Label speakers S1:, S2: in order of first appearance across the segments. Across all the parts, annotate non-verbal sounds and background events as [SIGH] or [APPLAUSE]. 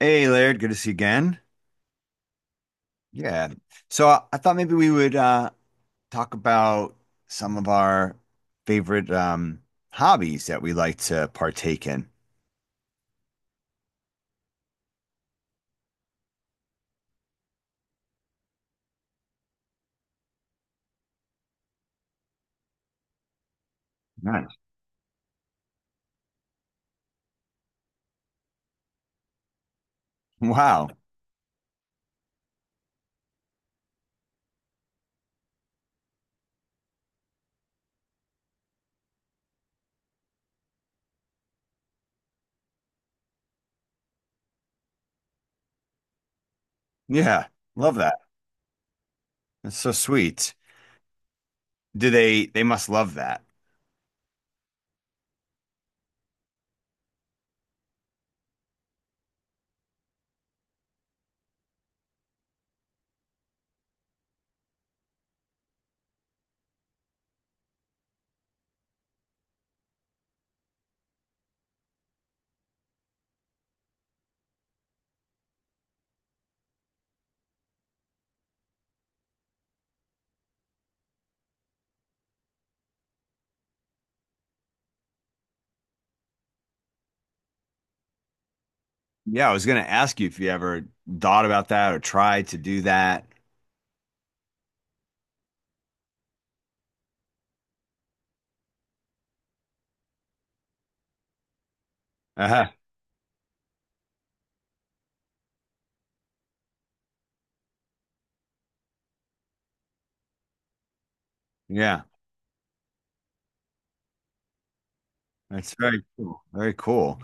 S1: Hey Laird, good to see you again. Yeah. So I thought maybe we would talk about some of our favorite hobbies that we like to partake in. Nice. Wow. Yeah. Love that. That's so sweet. Do they must love that. Yeah, I was gonna ask you if you ever thought about that or tried to do that. Uh-huh. Yeah. That's very cool. Very cool.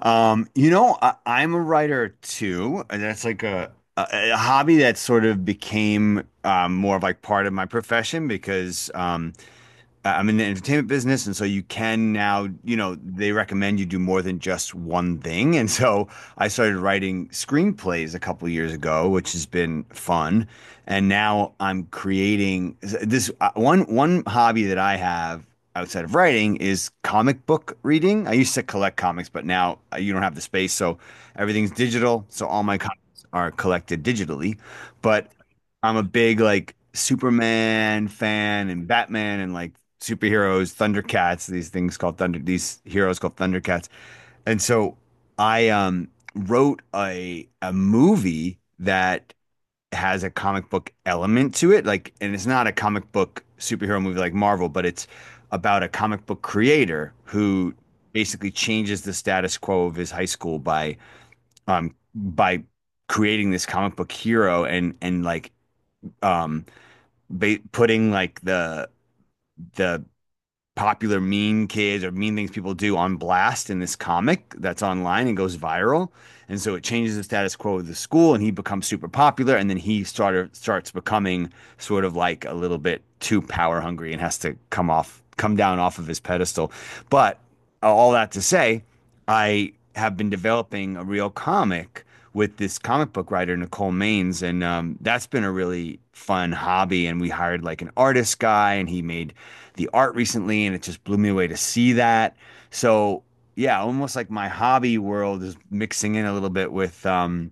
S1: You know, I'm a writer too, and that's like a hobby that sort of became more of like part of my profession because I'm in the entertainment business, and so you can now, you know, they recommend you do more than just one thing. And so I started writing screenplays a couple of years ago, which has been fun. And now I'm creating this one hobby that I have outside of writing is comic book reading. I used to collect comics, but now you don't have the space, so everything's digital. So all my comics are collected digitally. But I'm a big like Superman fan and Batman and like superheroes, Thundercats, these heroes called Thundercats. And so I wrote a movie that has a comic book element to it, like, and it's not a comic book superhero movie like Marvel, but it's about a comic book creator who basically changes the status quo of his high school by creating this comic book hero and um putting like the popular mean kids or mean things people do on blast in this comic that's online and goes viral. And so it changes the status quo of the school and he becomes super popular and then he started starts becoming sort of like a little bit too power hungry and has to come down off of his pedestal. But all that to say, I have been developing a real comic with this comic book writer Nicole Maines, and that's been a really fun hobby. And we hired like an artist guy, and he made the art recently, and it just blew me away to see that. So yeah, almost like my hobby world is mixing in a little bit with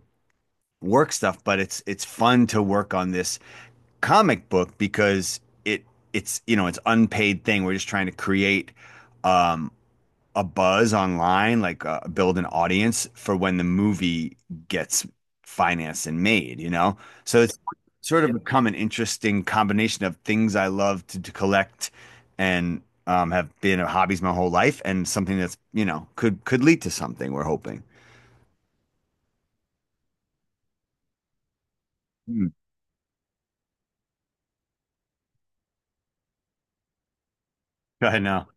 S1: work stuff, but it's fun to work on this comic book because it it's you know it's unpaid thing. We're just trying to create um, a buzz online, like build an audience for when the movie gets financed and made, you know? So it's sort of become an interesting combination of things I love to collect and have been hobbies my whole life and something that's, you know, could lead to something we're hoping. Hmm. [LAUGHS] Go ahead now.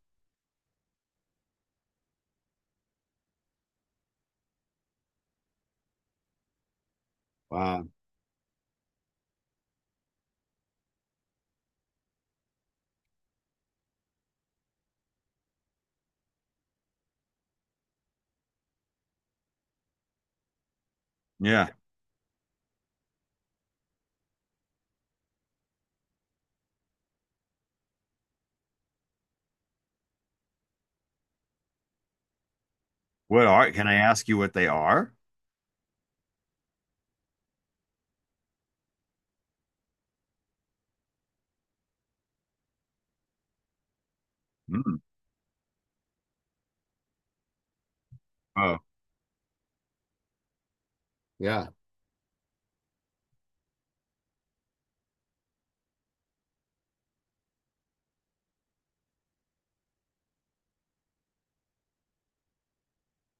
S1: Wow. Yeah. Can I ask you what they are? Hmm. Oh, yeah.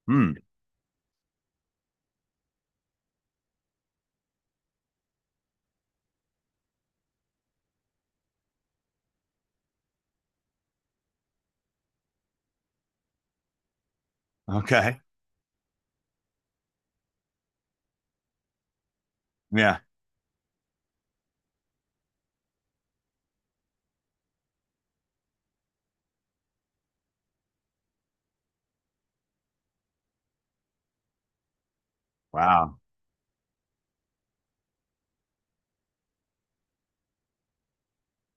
S1: Hmm. Okay. Yeah. Wow.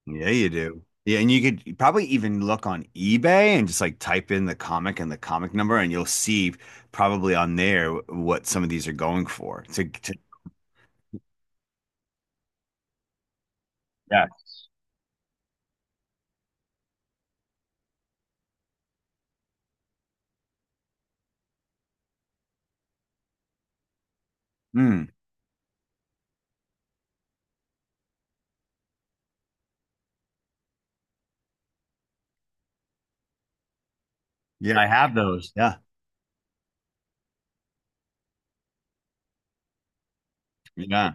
S1: Yeah, you do. Yeah, and you could probably even look on eBay and just like type in the comic and the comic number, and you'll see probably on there what some of these are going for. To yeah, hmm, yeah, I have those. Yeah, yeah.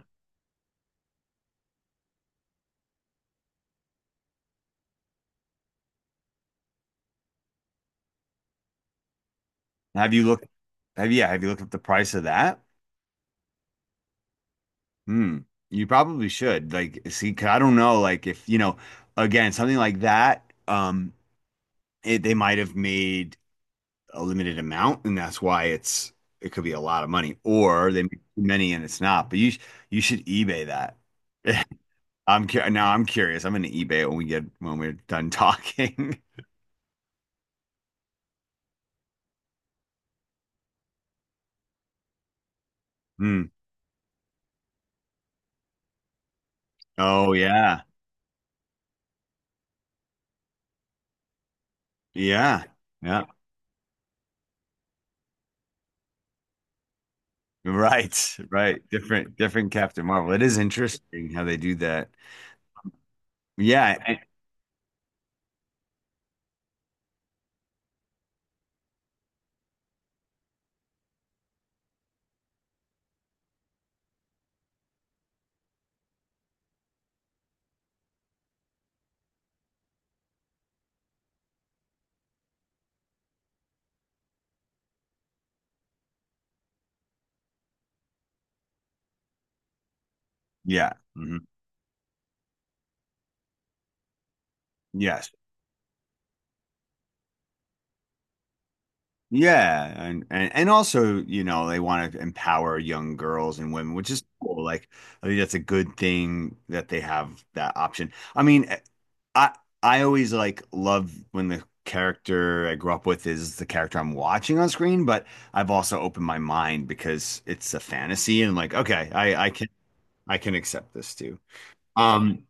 S1: Have you looked? Have yeah? Have you looked up the price of that? Hmm. You probably should. Like, see, 'cause I don't know. Like, if you know, again, something like that. It, they might have made a limited amount, and that's why it could be a lot of money, or they make too many and it's not. You should eBay that. Now I'm curious. I'm gonna eBay it when we get when we're done talking. [LAUGHS] Hmm. Oh yeah, yeah, yeah. Right, right. Different, different Captain Marvel. It is interesting how they do that. Yeah, I- yeah, hmm. Yes. Yeah, and also, you know, they want to empower young girls and women, which is cool. Like, I think that's a good thing that they have that option. I I always like love when the character I grew up with is the character I'm watching on screen, but I've also opened my mind because it's a fantasy and like, okay, I can accept this too. Um,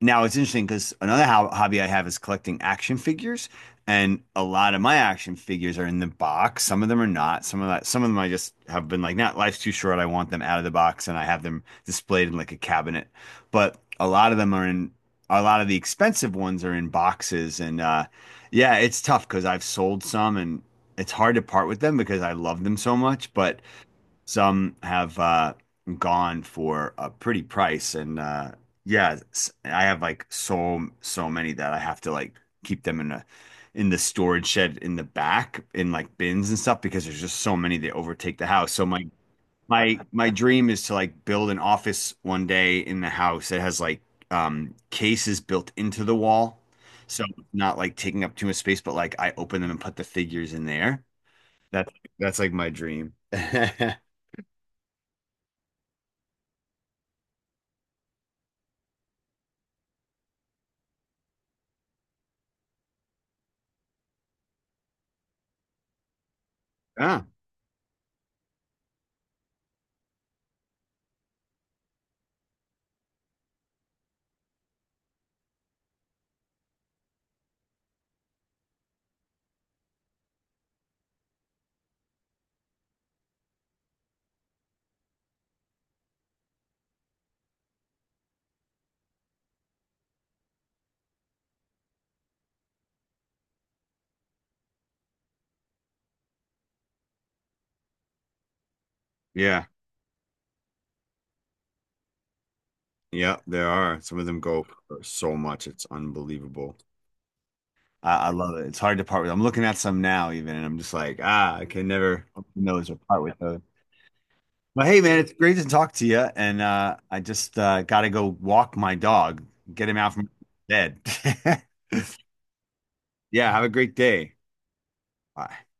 S1: now it's interesting because another ho hobby I have is collecting action figures, and a lot of my action figures are in the box. Some of them are not. Some of them I just have been like, not life's too short. I want them out of the box, and I have them displayed in like a cabinet. But a lot of them are in. A lot of the expensive ones are in boxes, and yeah, it's tough because I've sold some, and it's hard to part with them because I love them so much. But some have gone for a pretty price, and yeah, I have like so many that I have to like keep them in a in the storage shed in the back in like bins and stuff because there's just so many that overtake the house. So my dream is to like build an office one day in the house that has like cases built into the wall, so not like taking up too much space, but like I open them and put the figures in there. That's that's like my dream. [LAUGHS] Yeah. Yeah, yeah, there are. Some of them go for so much. It's unbelievable. I love it. It's hard to part with. I'm looking at some now even, and I'm just like, ah, I can never open those or part with those. But hey, man, it's great to talk to you. And I just got to go walk my dog, get him out from bed. [LAUGHS] Yeah, have a great day. Bye.